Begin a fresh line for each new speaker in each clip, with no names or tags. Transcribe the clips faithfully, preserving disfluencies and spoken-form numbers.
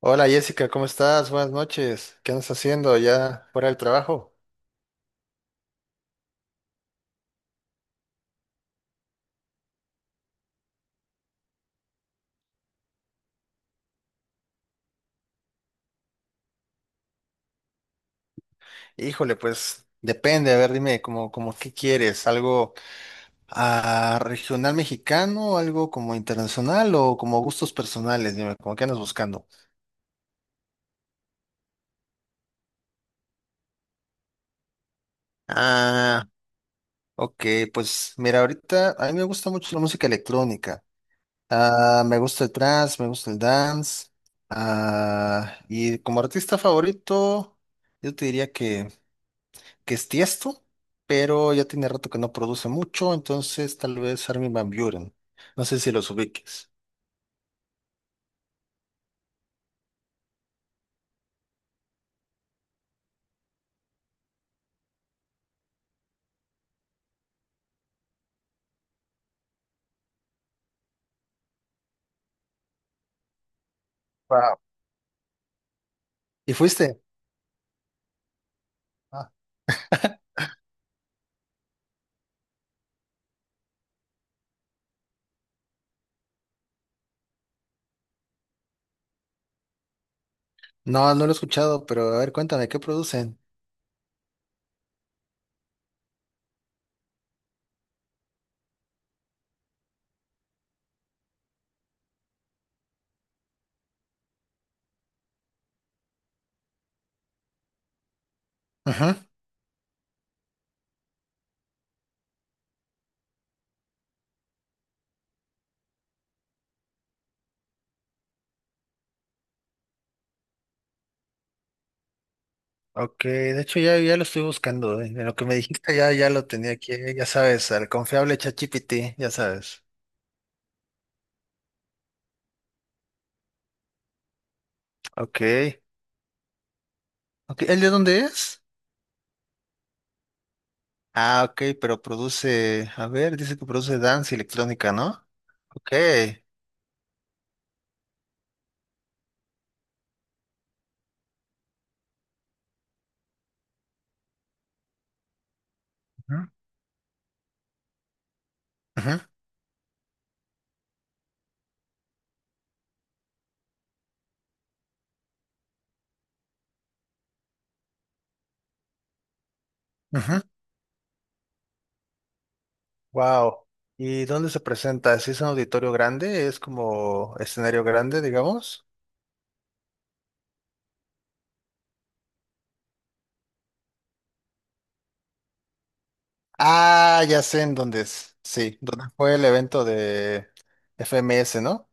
Hola Jessica, ¿cómo estás? Buenas noches. ¿Qué andas haciendo ya fuera del trabajo? Híjole, pues depende. A ver, dime, como, como qué quieres? ¿Algo ah, regional mexicano? ¿Algo como internacional o como gustos personales? Dime, ¿cómo qué andas buscando? Ah, ok, pues mira, ahorita a mí me gusta mucho la música electrónica. Ah, me gusta el trance, me gusta el dance. Ah, y como artista favorito, yo te diría que que es Tiesto, pero ya tiene rato que no produce mucho, entonces tal vez Armin van Buren. No sé si los ubiques. Wow. ¿Y fuiste? Ah. No, no lo he escuchado, pero a ver, cuéntame, ¿qué producen? Ajá. Ok, de hecho ya, ya lo estoy buscando, eh. De lo que me dijiste ya, ya lo tenía aquí, eh, ya sabes, al confiable ChatGPT, ya sabes. Ok. Ok, ¿el de dónde es? Ah, ok, pero produce, a ver, dice que produce dance y electrónica, ¿no? Ok. Ujú, ujú, ujú. Wow. ¿Y dónde se presenta? ¿Si es un auditorio grande? ¿Es como escenario grande, digamos? Ah, ya sé en dónde es. Sí, donde fue el evento de F M S, ¿no?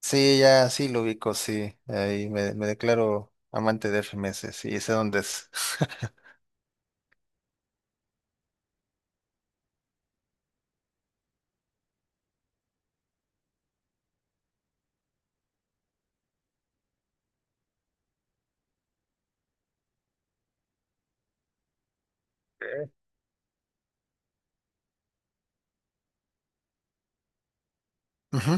Sí, ya, sí lo ubico, sí. Ahí me, me declaro amante de F M S, sí, sé dónde es. Ujú.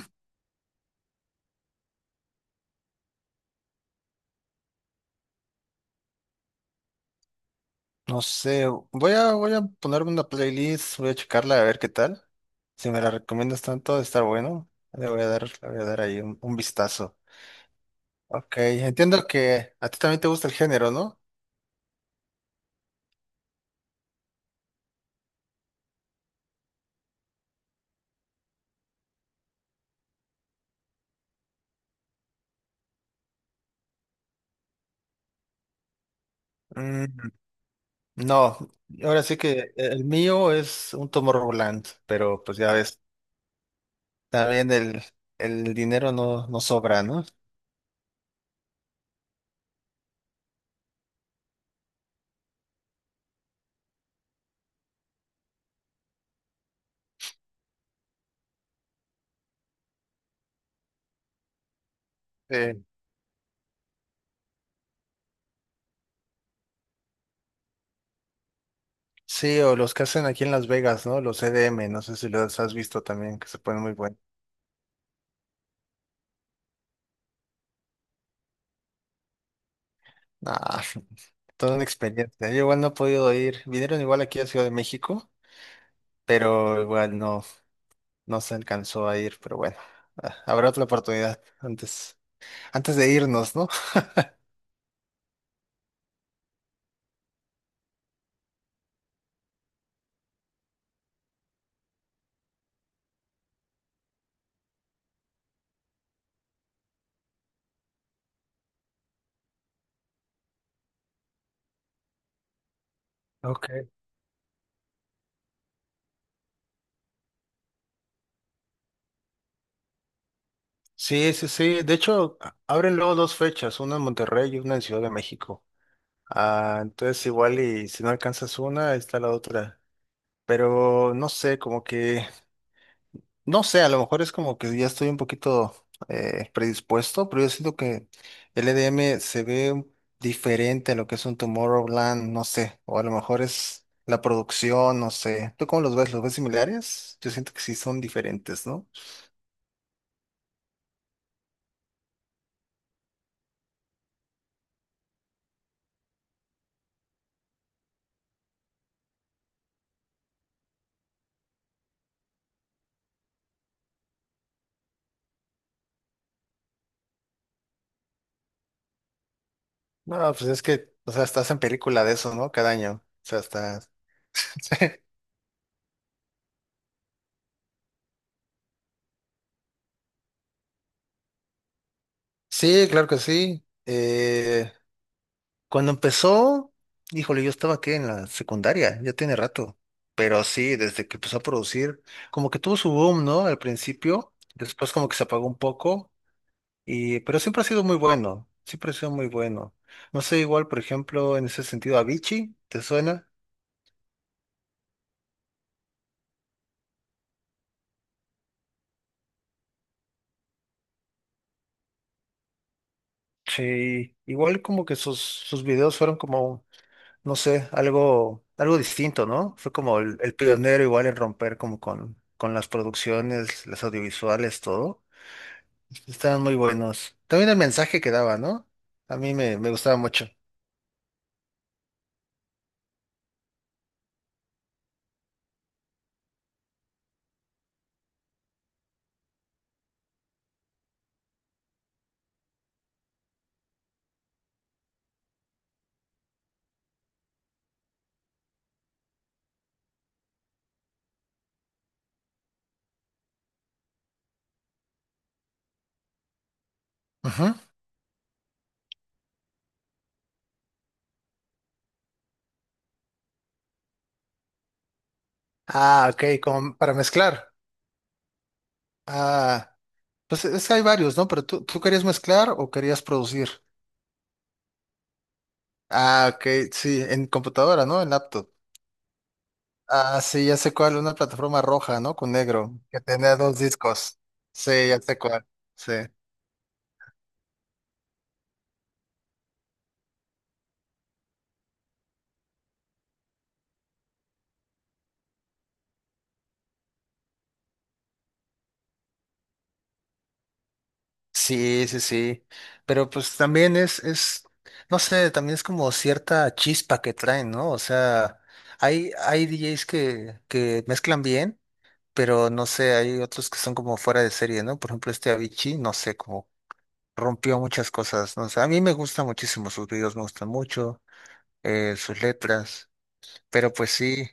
No sé, voy a, voy a ponerme una playlist, voy a checarla a ver qué tal. Si me la recomiendas tanto, está bueno. Le voy a dar, le voy a dar ahí un un vistazo. Ok, entiendo que a ti también te gusta el género, ¿no? Mm, no, ahora sí que el mío es un Tomorrowland, pero pues ya ves, también el, el dinero no, no sobra, ¿no? Eh, sí, o los que hacen aquí en Las Vegas, ¿no? Los E D M, no sé si los has visto también, que se ponen muy buenos. Ah, toda una experiencia. Yo igual no he podido ir. Vinieron igual aquí a Ciudad de México, pero igual no, no se alcanzó a ir, pero bueno, ah, habrá otra oportunidad antes, antes de irnos, ¿no? Ok. Sí, sí, sí. De hecho, a- abren luego dos fechas, una en Monterrey y una en Ciudad de México. Ah, entonces igual y si no alcanzas una, está la otra. Pero no sé, como que, no sé, a lo mejor es como que ya estoy un poquito eh, predispuesto, pero yo siento que el E D M se ve un- diferente a lo que es un Tomorrowland, no sé, o a lo mejor es la producción, no sé. ¿Tú cómo los ves? ¿Los ves similares? Yo siento que sí son diferentes, ¿no? No, pues es que, o sea, estás en película de eso, ¿no? Cada año. O sea, estás. Sí, claro que sí. Eh, cuando empezó, híjole, yo estaba aquí en la secundaria, ya tiene rato. Pero sí, desde que empezó a producir, como que tuvo su boom, ¿no? Al principio, después como que se apagó un poco, y, pero siempre ha sido muy bueno, siempre ha sido muy bueno. No sé, igual, por ejemplo, en ese sentido, Avicii, ¿te suena? Sí, igual como que sus, sus videos fueron como no sé, algo, algo distinto, ¿no? Fue como el, el pionero igual en romper como con, con las producciones, las audiovisuales, todo. Estaban muy buenos. También el mensaje que daba, ¿no? A mí me, me gustaba mucho. Ujú. Ah, ok, como para mezclar. Ah, pues es que hay varios, ¿no? Pero tú, tú querías mezclar o querías producir. Ah, ok, sí, en computadora, ¿no? En laptop. Ah, sí, ya sé cuál, una plataforma roja, ¿no? Con negro, que tenía dos discos. Sí, ya sé cuál. Sí. Sí, sí, sí. Pero pues también es, es, no sé, también es como cierta chispa que traen, ¿no? O sea, hay, hay D Js que, que mezclan bien, pero no sé, hay otros que son como fuera de serie, ¿no? Por ejemplo, este Avicii, no sé, como rompió muchas cosas, ¿no? O sea, a mí me gustan muchísimo sus videos, me gustan mucho, eh, sus letras, pero pues sí,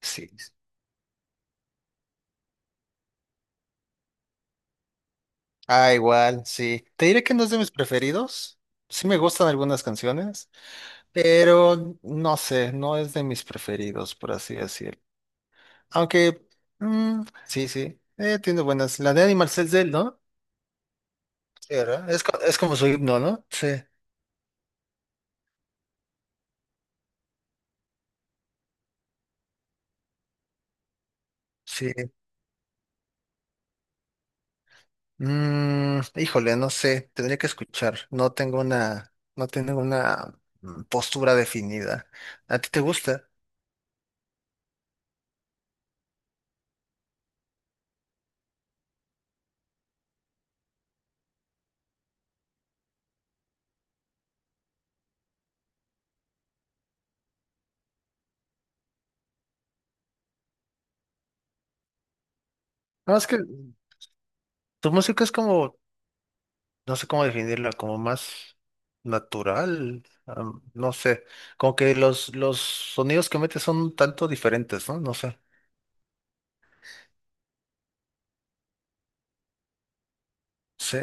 sí. Ah, igual, sí. Te diré que no es de mis preferidos. Sí me gustan algunas canciones. Pero no sé, no es de mis preferidos, por así decirlo. Aunque, mm, sí, sí, eh, tiene buenas. La de Animal Cells de él, ¿no? Sí, ¿verdad? Es, co- es como su himno, ¿no? Sí, sí. Mm, híjole, no sé, tendría que escuchar. No tengo una, no tengo una mm, postura definida. ¿A ti te gusta? No, es que tu música es como no sé cómo definirla, como más natural, am, no sé, como que los, los sonidos que mete son un tanto diferentes, ¿no? No sé. Sí.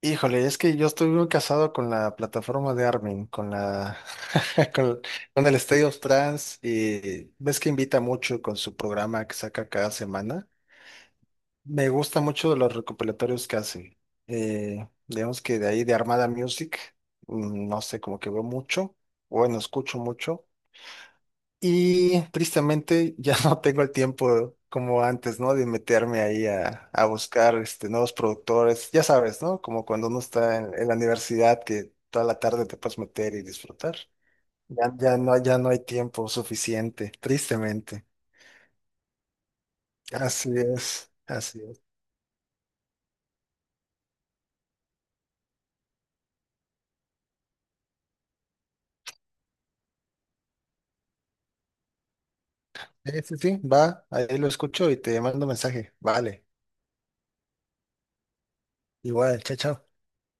Híjole, es que yo estoy muy casado con la plataforma de Armin, con la con, con el State of Trance y ves que invita mucho con su programa que saca cada semana. Me gusta mucho los recopilatorios que hace. Eh, digamos que de ahí de Armada Music, mm, no sé, como que veo mucho, bueno, escucho mucho. Y tristemente ya no tengo el tiempo como antes, ¿no? De meterme ahí a, a buscar este, nuevos productores. Ya sabes, ¿no? Como cuando uno está en, en la universidad que toda la tarde te puedes meter y disfrutar. Ya, ya no, ya no hay tiempo suficiente, tristemente. Así es, así es. Sí, sí, sí, va, ahí lo escucho y te mando mensaje. Vale, igual, chao, chao.